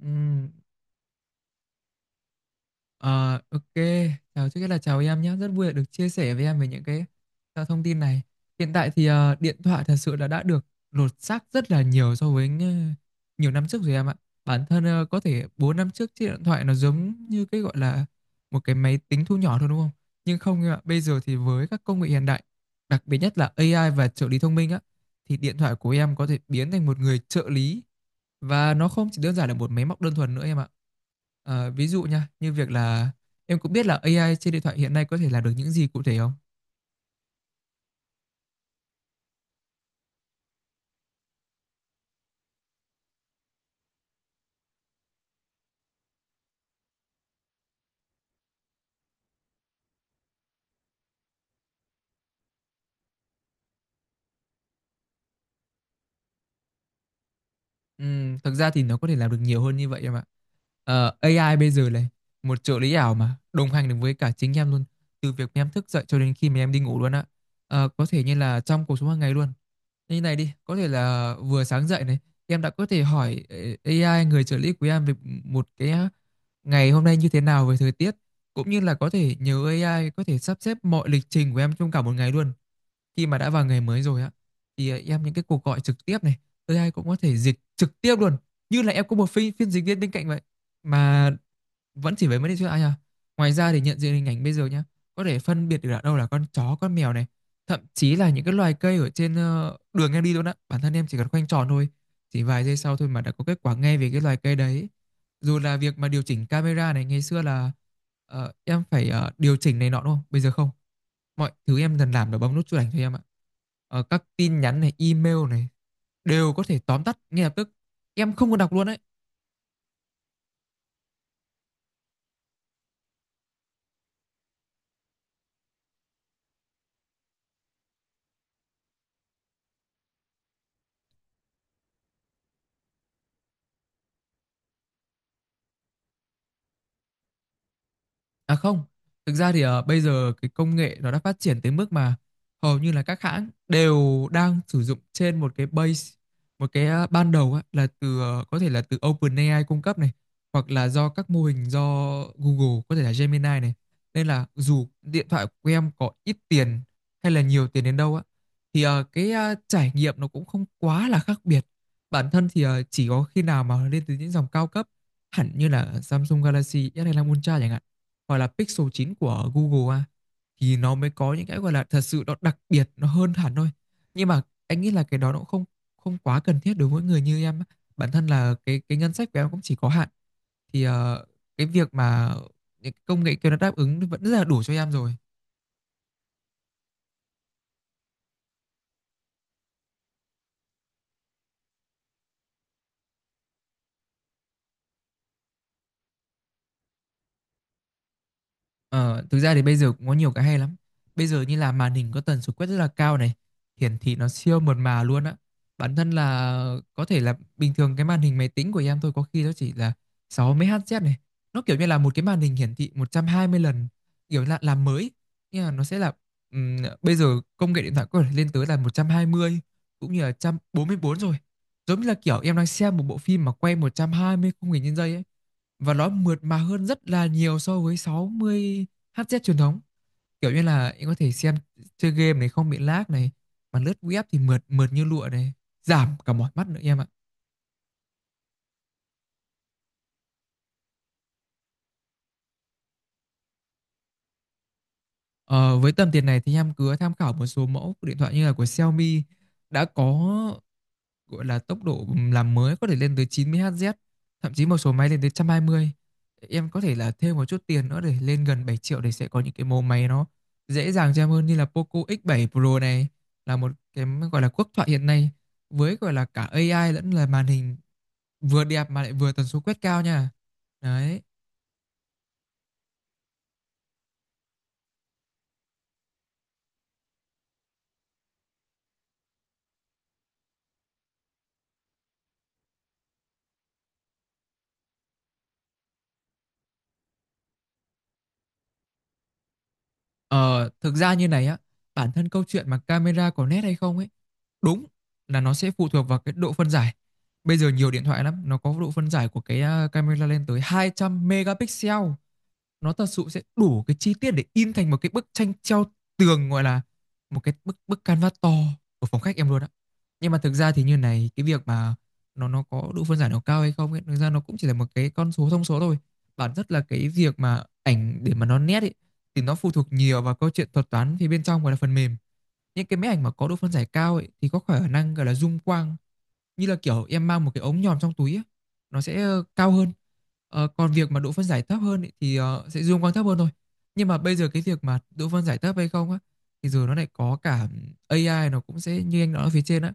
Ừm, ờ, ok, chào trước hết là chào em nhé, rất vui được chia sẻ với em về những cái thông tin này. Hiện tại thì điện thoại thật sự là đã được lột xác rất là nhiều so với nhiều năm trước rồi em ạ. Bản thân có thể 4 năm trước chiếc điện thoại nó giống như cái gọi là một cái máy tính thu nhỏ thôi, đúng không? Nhưng không em ạ, bây giờ thì với các công nghệ hiện đại, đặc biệt nhất là AI và trợ lý thông minh á, thì điện thoại của em có thể biến thành một người trợ lý và nó không chỉ đơn giản là một máy móc đơn thuần nữa em ạ. Ví dụ nha, như việc là em cũng biết là AI trên điện thoại hiện nay có thể làm được những gì cụ thể không? Thực ra thì nó có thể làm được nhiều hơn như vậy em ạ. AI bây giờ này, một trợ lý ảo mà đồng hành được với cả chính em luôn, từ việc em thức dậy cho đến khi mà em đi ngủ luôn ạ. Có thể như là trong cuộc sống hàng ngày luôn. Như này đi, có thể là vừa sáng dậy này, em đã có thể hỏi AI người trợ lý của em về một cái ngày hôm nay như thế nào, về thời tiết, cũng như là có thể nhờ AI có thể sắp xếp mọi lịch trình của em trong cả một ngày luôn. Khi mà đã vào ngày mới rồi á, thì em những cái cuộc gọi trực tiếp này, AI cũng có thể dịch trực tiếp luôn, như là em có một phiên phiên dịch viên bên cạnh vậy. Mà vẫn chỉ với mấy đứa trước anh à, ngoài ra thì nhận diện hình ảnh bây giờ nhá, có thể phân biệt được ở đâu là con chó con mèo này, thậm chí là những cái loài cây ở trên đường em đi luôn á. Bản thân em chỉ cần khoanh tròn thôi, chỉ vài giây sau thôi mà đã có kết quả ngay về cái loài cây đấy. Dù là việc mà điều chỉnh camera này, ngày xưa là em phải điều chỉnh này nọ, đúng không? Bây giờ không, mọi thứ em dần làm là bấm nút chụp ảnh cho em ạ. Các tin nhắn này, email này đều có thể tóm tắt ngay lập tức, em không cần đọc luôn đấy. À không, thực ra thì bây giờ cái công nghệ nó đã phát triển tới mức mà hầu như là các hãng đều đang sử dụng trên một cái base, một cái ban đầu á, là từ có thể là từ OpenAI cung cấp này, hoặc là do các mô hình do Google, có thể là Gemini này. Nên là dù điện thoại của em có ít tiền hay là nhiều tiền đến đâu á, thì cái trải nghiệm nó cũng không quá là khác biệt. Bản thân thì chỉ có khi nào mà lên từ những dòng cao cấp hẳn như là Samsung Galaxy S25 Ultra chẳng hạn, hoặc là Pixel 9 của Google à, thì nó mới có những cái gọi là thật sự nó đặc biệt, nó hơn hẳn thôi. Nhưng mà anh nghĩ là cái đó nó cũng không không quá cần thiết đối với người như em. Bản thân là cái ngân sách của em cũng chỉ có hạn, thì cái việc mà những công nghệ kia nó đáp ứng vẫn rất là đủ cho em rồi. Ờ, Thực ra thì bây giờ cũng có nhiều cái hay lắm. Bây giờ như là màn hình có tần số quét rất là cao này, hiển thị nó siêu mượt mà luôn á. Bản thân là có thể là bình thường cái màn hình máy tính của em thôi có khi nó chỉ là 60 Hz này. Nó kiểu như là một cái màn hình hiển thị 120 lần, kiểu là làm mới. Nhưng mà nó sẽ là ừm, bây giờ công nghệ điện thoại có thể lên tới là 120, cũng như là 144 rồi. Giống như là kiểu em đang xem một bộ phim mà quay 120 khung hình trên giây ấy, và nó mượt mà hơn rất là nhiều so với 60 Hz truyền thống. Kiểu như là em có thể xem, chơi game này không bị lag này, mà lướt web thì mượt mượt như lụa này, giảm cả mỏi mắt nữa em ạ. Ờ, với tầm tiền này thì em cứ tham khảo một số mẫu điện thoại như là của Xiaomi, đã có gọi là tốc độ làm mới có thể lên tới 90 Hz, thậm chí một số máy lên tới 120. Em có thể là thêm một chút tiền nữa để lên gần 7 triệu, để sẽ có những cái mẫu máy nó dễ dàng cho em hơn, như là Poco X7 Pro này, là một cái gọi là quốc thoại hiện nay với gọi là cả AI lẫn là màn hình, vừa đẹp mà lại vừa tần số quét cao nha. Đấy. Ờ, Thực ra như này á, bản thân câu chuyện mà camera có nét hay không ấy, đúng là nó sẽ phụ thuộc vào cái độ phân giải. Bây giờ nhiều điện thoại lắm, nó có độ phân giải của cái à, camera lên tới 200 megapixel. Nó thật sự sẽ đủ cái chi tiết để in thành một cái bức tranh treo tường, gọi là một cái bức bức canvas to của phòng khách em luôn á. Nhưng mà thực ra thì như này, cái việc mà nó có độ phân giải nó cao hay không ấy, thực ra nó cũng chỉ là một cái con số, thông số thôi. Bản chất là cái việc mà ảnh để mà nó nét ấy, thì nó phụ thuộc nhiều vào câu chuyện thuật toán phía bên trong, gọi là phần mềm. Những cái máy ảnh mà có độ phân giải cao ấy thì có khả năng gọi là zoom quang, như là kiểu em mang một cái ống nhòm trong túi ấy, nó sẽ cao hơn. Còn việc mà độ phân giải thấp hơn ấy, thì sẽ zoom quang thấp hơn thôi. Nhưng mà bây giờ cái việc mà độ phân giải thấp hay không á, thì giờ nó lại có cả AI, nó cũng sẽ như anh nói ở phía trên á,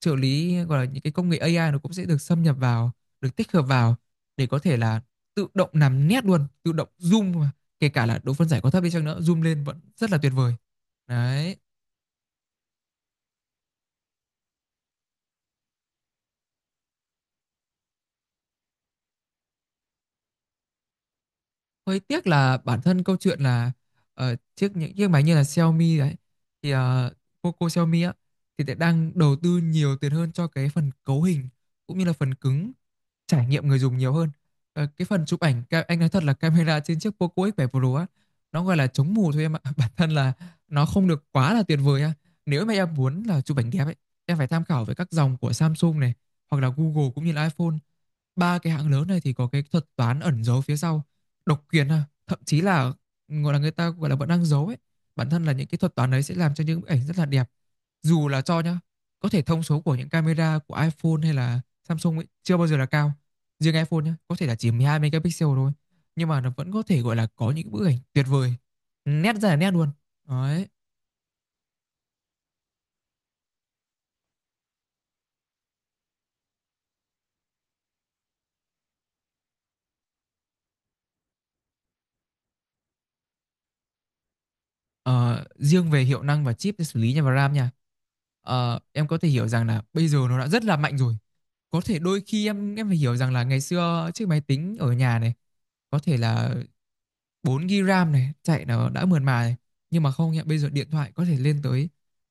trợ lý gọi là những cái công nghệ AI nó cũng sẽ được xâm nhập vào, được tích hợp vào, để có thể là tự động làm nét luôn, tự động zoom mà. Kể cả là độ phân giải có thấp đi chăng nữa, zoom lên vẫn rất là tuyệt vời đấy. Hơi tiếc là bản thân câu chuyện là những chiếc máy như là Xiaomi đấy, thì Poco Xiaomi á, thì lại đang đầu tư nhiều tiền hơn cho cái phần cấu hình cũng như là phần cứng, trải nghiệm người dùng nhiều hơn. Cái phần chụp ảnh ca anh nói thật là camera trên chiếc Poco X7 Pro á, nó gọi là chống mù thôi em ạ. Bản thân là nó không được quá là tuyệt vời á. Nếu mà em muốn là chụp ảnh đẹp ấy, em phải tham khảo với các dòng của Samsung này, hoặc là Google cũng như là iPhone. Ba cái hãng lớn này thì có cái thuật toán ẩn giấu phía sau, độc quyền ha. Thậm chí là gọi là người ta gọi là vẫn đang giấu ấy. Bản thân là những cái thuật toán đấy sẽ làm cho những bức ảnh rất là đẹp dù là cho nhá, có thể thông số của những camera của iPhone hay là Samsung ấy chưa bao giờ là cao. Riêng iPhone nhá, có thể là chỉ 12 megapixel thôi, nhưng mà nó vẫn có thể gọi là có những bức ảnh tuyệt vời, nét ra là nét luôn đấy. Ờ, Riêng về hiệu năng và chip để xử lý nha, và RAM nha. Em có thể hiểu rằng là bây giờ nó đã rất là mạnh rồi. Có thể đôi khi em phải hiểu rằng là ngày xưa chiếc máy tính ở nhà này có thể là 4GB RAM này, chạy nó đã mượt mà này. Nhưng mà không nhá, bây giờ điện thoại có thể lên tới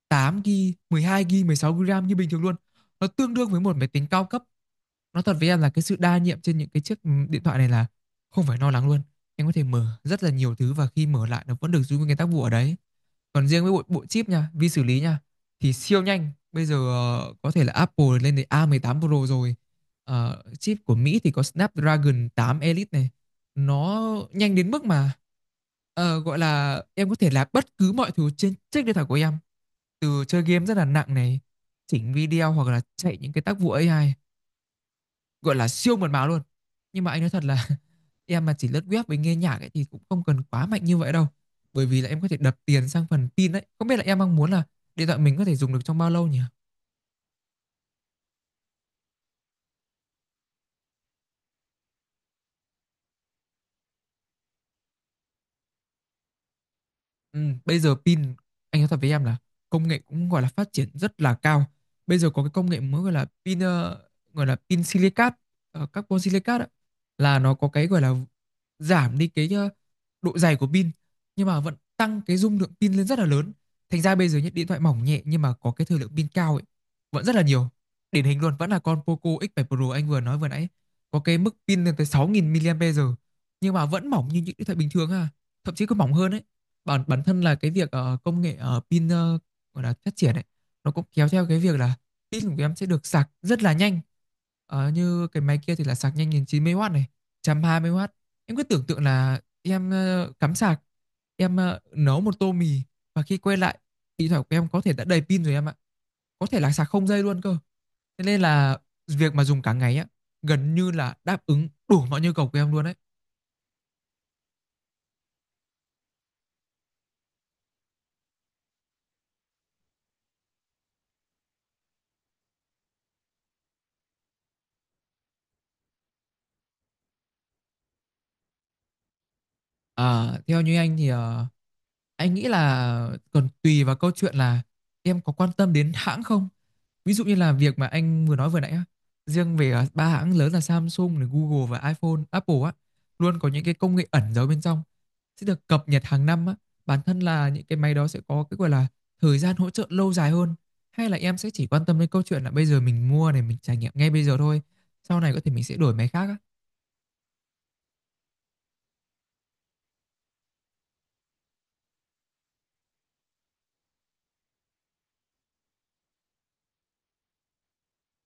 8GB, 12GB, 16GB RAM như bình thường luôn. Nó tương đương với một máy tính cao cấp. Nó thật với em là cái sự đa nhiệm trên những cái chiếc điện thoại này là không phải lo lắng luôn. Em có thể mở rất là nhiều thứ, và khi mở lại nó vẫn được giữ nguyên cái tác vụ ở đấy. Còn riêng với bộ chip nha, vi xử lý nha, thì siêu nhanh. Bây giờ có thể là Apple lên đến a mười tám Pro rồi. Chip của Mỹ thì có Snapdragon tám Elite này, nó nhanh đến mức mà gọi là em có thể làm bất cứ mọi thứ trên chiếc điện thoại của em, từ chơi game rất là nặng này, chỉnh video hoặc là chạy những cái tác vụ AI, gọi là siêu mượt mà luôn. Nhưng mà anh nói thật là em mà chỉ lướt web với nghe nhạc ấy thì cũng không cần quá mạnh như vậy đâu, bởi vì là em có thể đập tiền sang phần pin đấy. Không biết là em đang muốn là điện thoại mình có thể dùng được trong bao lâu nhỉ? Ừ, bây giờ pin, anh nói thật với em là công nghệ cũng gọi là phát triển rất là cao. Bây giờ có cái công nghệ mới gọi là pin gọi là pin silicat, carbon silicat ấy, là nó có cái gọi là giảm đi cái độ dày của pin, nhưng mà vẫn tăng cái dung lượng pin lên rất là lớn. Thành ra bây giờ những điện thoại mỏng nhẹ nhưng mà có cái thời lượng pin cao ấy vẫn rất là nhiều. Điển hình luôn vẫn là con Poco X7 Pro anh vừa nói vừa nãy, có cái mức pin lên tới 6.000 mAh, nhưng mà vẫn mỏng như những điện thoại bình thường ha, thậm chí còn mỏng hơn ấy. Bản bản thân là cái việc công nghệ pin gọi là phát triển ấy, nó cũng kéo theo cái việc là pin của em sẽ được sạc rất là nhanh. Ờ, như cái máy kia thì là sạc nhanh đến chín mươi w này, một trăm hai mươi w. Em cứ tưởng tượng là em cắm sạc, em nấu một tô mì, và khi quay lại, điện thoại của em có thể đã đầy pin rồi em ạ. Có thể là sạc không dây luôn cơ. Thế nên là việc mà dùng cả ngày á, gần như là đáp ứng đủ mọi nhu cầu của em luôn đấy. Ờ, theo như anh thì anh nghĩ là còn tùy vào câu chuyện là em có quan tâm đến hãng không. Ví dụ như là việc mà anh vừa nói vừa nãy á, riêng về ba hãng lớn là Samsung này, Google và iPhone, Apple á, luôn có những cái công nghệ ẩn giấu bên trong, sẽ được cập nhật hàng năm á. Bản thân là những cái máy đó sẽ có cái gọi là thời gian hỗ trợ lâu dài hơn. Hay là em sẽ chỉ quan tâm đến câu chuyện là bây giờ mình mua này, mình trải nghiệm ngay bây giờ thôi, sau này có thể mình sẽ đổi máy khác á.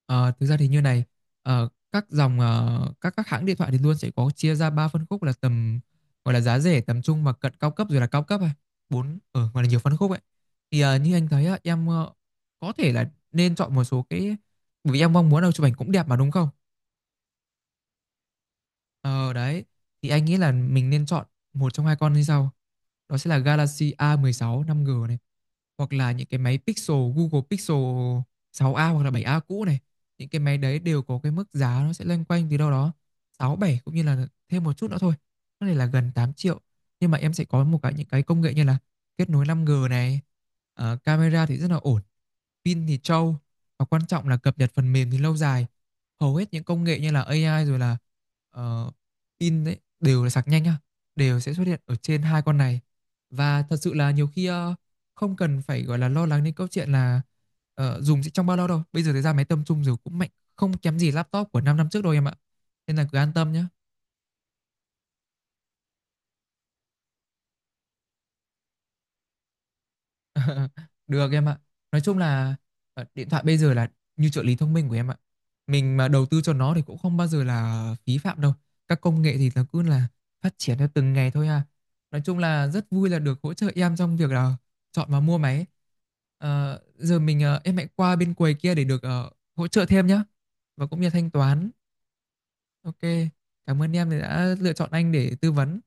Ờ, thực ra thì như này, các dòng các hãng điện thoại thì luôn sẽ có chia ra ba phân khúc, là tầm gọi là giá rẻ, tầm trung và cận cao cấp, rồi là cao cấp, à bốn ở, gọi là nhiều phân khúc ấy. Thì như anh thấy á, em có thể là nên chọn một số cái, bởi vì em mong muốn đâu chụp ảnh cũng đẹp mà đúng không. Ờ đấy, thì anh nghĩ là mình nên chọn một trong hai con như sau. Đó sẽ là Galaxy a mười sáu năm g này, hoặc là những cái máy Pixel, Google Pixel 6a hoặc là 7a cũ này. Những cái máy đấy đều có cái mức giá nó sẽ loanh quanh từ đâu đó 6 bảy, cũng như là thêm một chút nữa thôi, có thể là gần 8 triệu. Nhưng mà em sẽ có một cái, những cái công nghệ như là kết nối 5G này, camera thì rất là ổn, pin thì trâu, và quan trọng là cập nhật phần mềm thì lâu dài. Hầu hết những công nghệ như là AI rồi là ờ, pin đấy đều là sạc nhanh nhá, đều sẽ xuất hiện ở trên hai con này. Và thật sự là nhiều khi không cần phải gọi là lo lắng đến câu chuyện là dùng sẽ trong bao lâu đâu. Bây giờ thì ra máy tầm trung rồi cũng mạnh không kém gì laptop của 5 năm trước đâu em ạ, nên là cứ an tâm nhé. Được em ạ. Nói chung là điện thoại bây giờ là như trợ lý thông minh của em ạ. Mình mà đầu tư cho nó thì cũng không bao giờ là phí phạm đâu. Các công nghệ thì nó cứ là phát triển theo từng ngày thôi à. Nói chung là rất vui là được hỗ trợ em trong việc là chọn và mua máy. Ờ, giờ mình em hãy qua bên quầy kia để được hỗ trợ thêm nhé, và cũng như thanh toán. Ok. Cảm ơn em đã lựa chọn anh để tư vấn.